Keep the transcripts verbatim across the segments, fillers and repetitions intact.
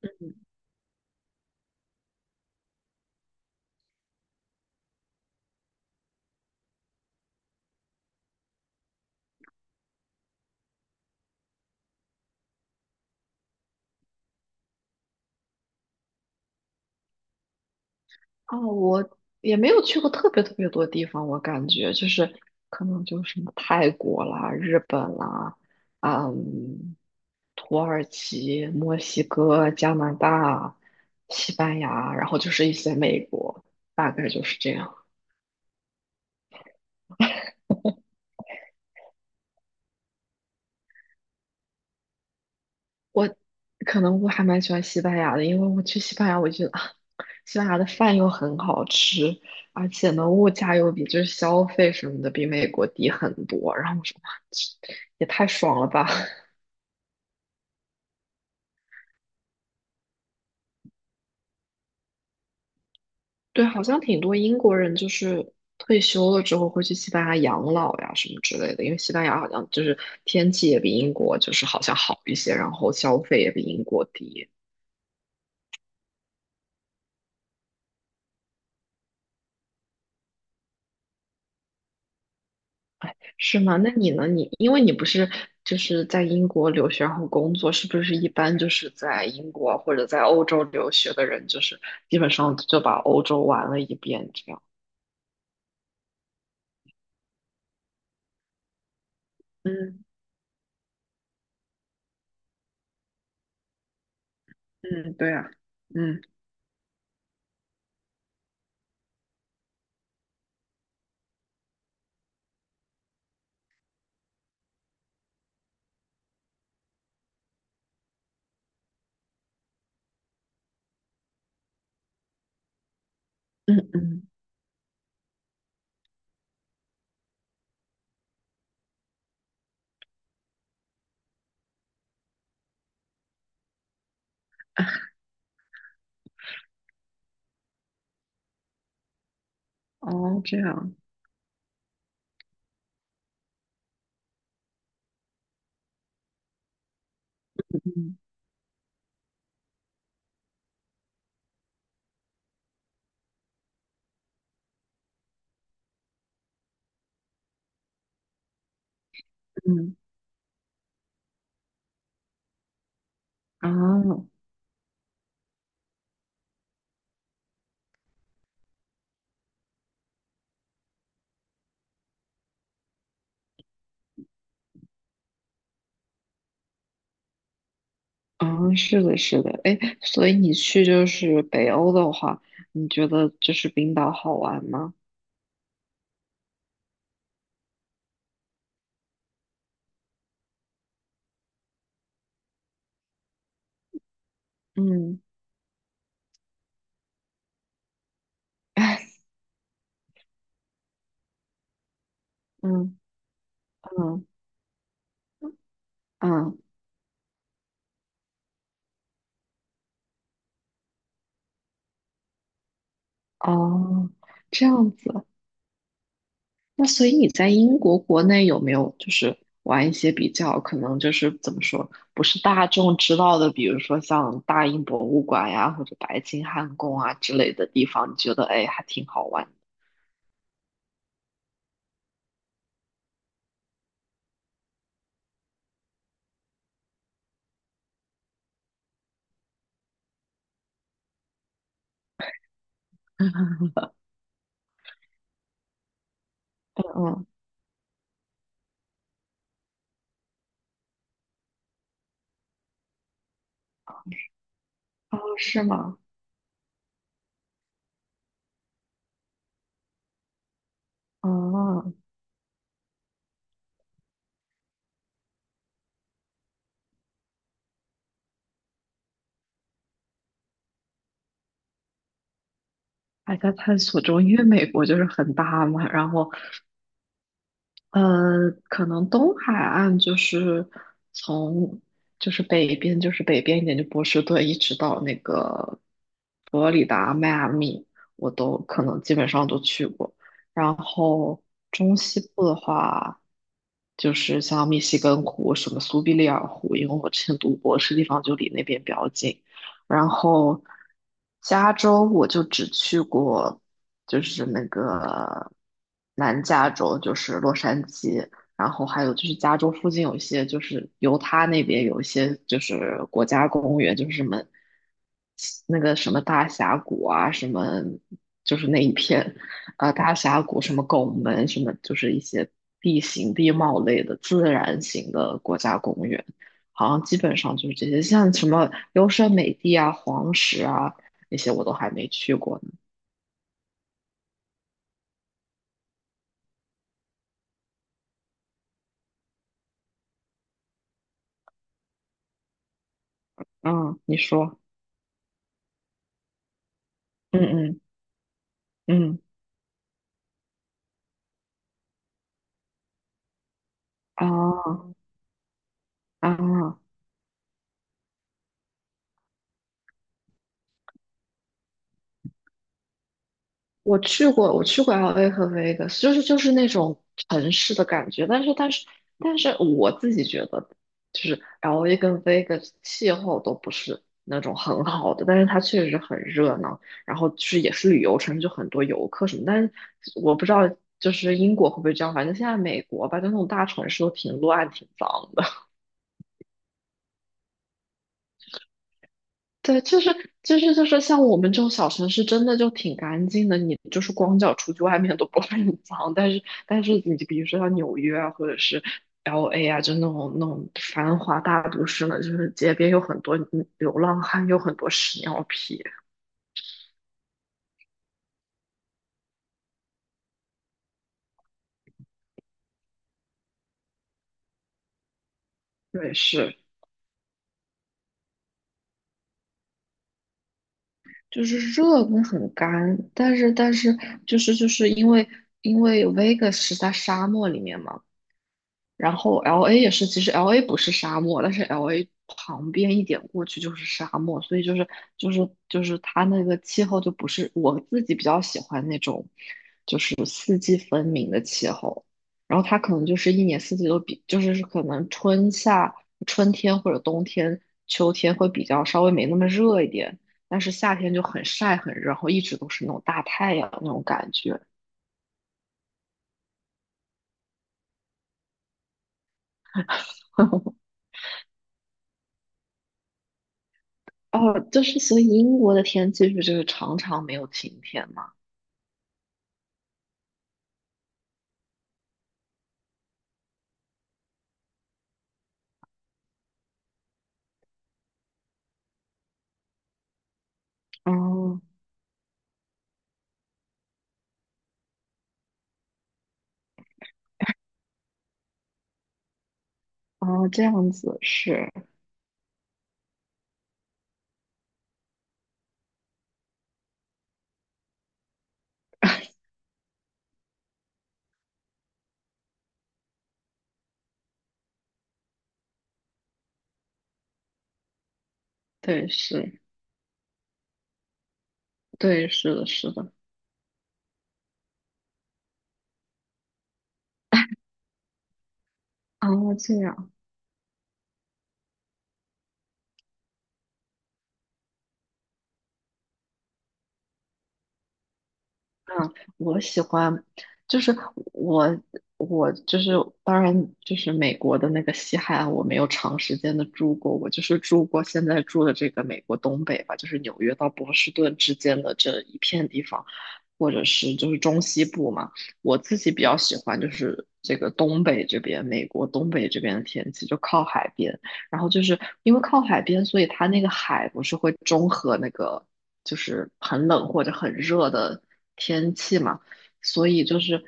嗯，哦，我也没有去过特别特别多地方，我感觉就是可能就是什么泰国啦、日本啦、嗯，土耳其、墨西哥、加拿大、西班牙，然后就是一些美国，大概就是这样。我可能我还蛮喜欢西班牙的，因为我去西班牙，我觉得啊，西班牙的饭又很好吃，而且呢，物价又比就是消费什么的比美国低很多。然后我说哇，这也太爽了吧！对，好像挺多英国人就是退休了之后会去西班牙养老呀什么之类的，因为西班牙好像就是天气也比英国就是好像好一些，然后消费也比英国低。是吗？那你呢？你因为你不是就是在英国留学然后工作，是不是一般就是在英国或者在欧洲留学的人，就是基本上就把欧洲玩了一遍这样？嗯嗯，对啊，嗯，嗯嗯哦，这样，嗯嗯啊，啊，是的，是的，哎，所以你去就是北欧的话，你觉得就是冰岛好玩吗？嗯 哎，嗯嗯嗯，哦，这样子，那所以你在英国国内有没有就是玩一些比较可能就是怎么说不是大众知道的，比如说像大英博物馆呀或者白金汉宫啊之类的地方，你觉得哎还挺好玩嗯 嗯，哦，是吗？哦，还在探索中，因为美国就是很大嘛，然后呃，可能东海岸就是从就是北边，就是北边一点，就波士顿一直到那个佛罗里达、迈阿密，我都可能基本上都去过。然后中西部的话，就是像密西根湖、什么苏必利尔湖，因为我之前读博士地方就离那边比较近，然后加州我就只去过，就是那个南加州，就是洛杉矶，然后还有就是加州附近有一些，就是犹他那边有一些就是国家公园，就是什么那个什么大峡谷啊，什么就是那一片啊、呃大峡谷，什么拱门，什么就是一些地形地貌类的自然型的国家公园。好像基本上就是这些，像什么优胜美地啊、黄石啊那些我都还没去过呢。嗯，你说，嗯嗯嗯，啊啊，我去过，我去过 L A 和 Vegas，就是就是那种城市的感觉，但是但是但是我自己觉得，就是 L A 跟 Vegas 气候都不是那种很好的，但是它确实很热闹，然后就是也是旅游城市，就很多游客什么，但是我不知道就是英国会不会这样，反正现在美国吧，就那种大城市都挺乱挺脏的。对，就是就是就是像我们这种小城市，真的就挺干净的。你就是光脚出去外面都不会很脏，但是但是你比如说像纽约啊，或者是 L A 啊，就那种那种繁华大都市呢，就是街边有很多流浪汉，有很多屎尿屁。对，是就是热跟很干，但是但是就是就是因为因为 Vegas 是在沙漠里面嘛。然后 L A 也是，其实 L A 不是沙漠，但是 L A 旁边一点过去就是沙漠，所以就是就是就是它那个气候就不是我自己比较喜欢那种，就是四季分明的气候。然后它可能就是一年四季都比，就是可能春夏、春天或者冬天、秋天会比较稍微没那么热一点，但是夏天就很晒很热，然后一直都是那种大太阳那种感觉。哦，就是所以英国的天气不就是常常没有晴天嘛？哦哦，这样子是，对是，对是的是的，哦这样。嗯，我喜欢，就是我我就是当然就是美国的那个西海岸，我没有长时间的住过，我就是住过现在住的这个美国东北吧，就是纽约到波士顿之间的这一片地方，或者是就是中西部嘛，我自己比较喜欢就是这个东北这边，美国东北这边的天气就靠海边，然后就是因为靠海边，所以它那个海不是会中和那个。就是很冷或者很热的天气嘛，所以就是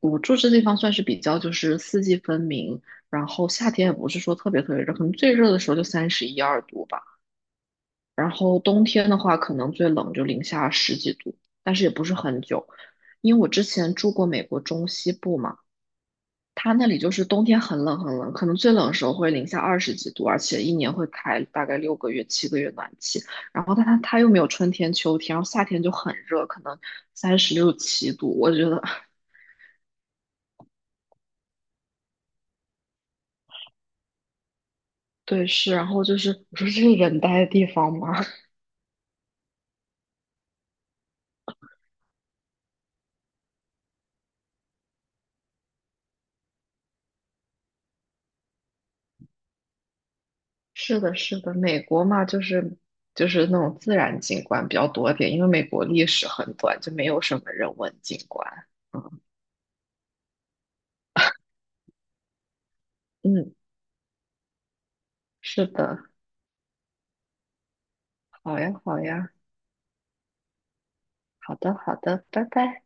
我住这地方算是比较就是四季分明，然后夏天也不是说特别特别热，可能最热的时候就三十一二度吧，然后冬天的话可能最冷就零下十几度，但是也不是很久，因为我之前住过美国中西部嘛。它那里就是冬天很冷很冷，可能最冷的时候会零下二十几度，而且一年会开大概六个月、七个月暖气。然后它它它又没有春天、秋天，然后夏天就很热，可能三十六七度。我觉得 对是，然后就是我说这是人待的地方吗？是的，是的，美国嘛，就是就是那种自然景观比较多一点，因为美国历史很短，就没有什么人文景观。嗯嗯，是的，好呀好呀，好的好的，拜拜。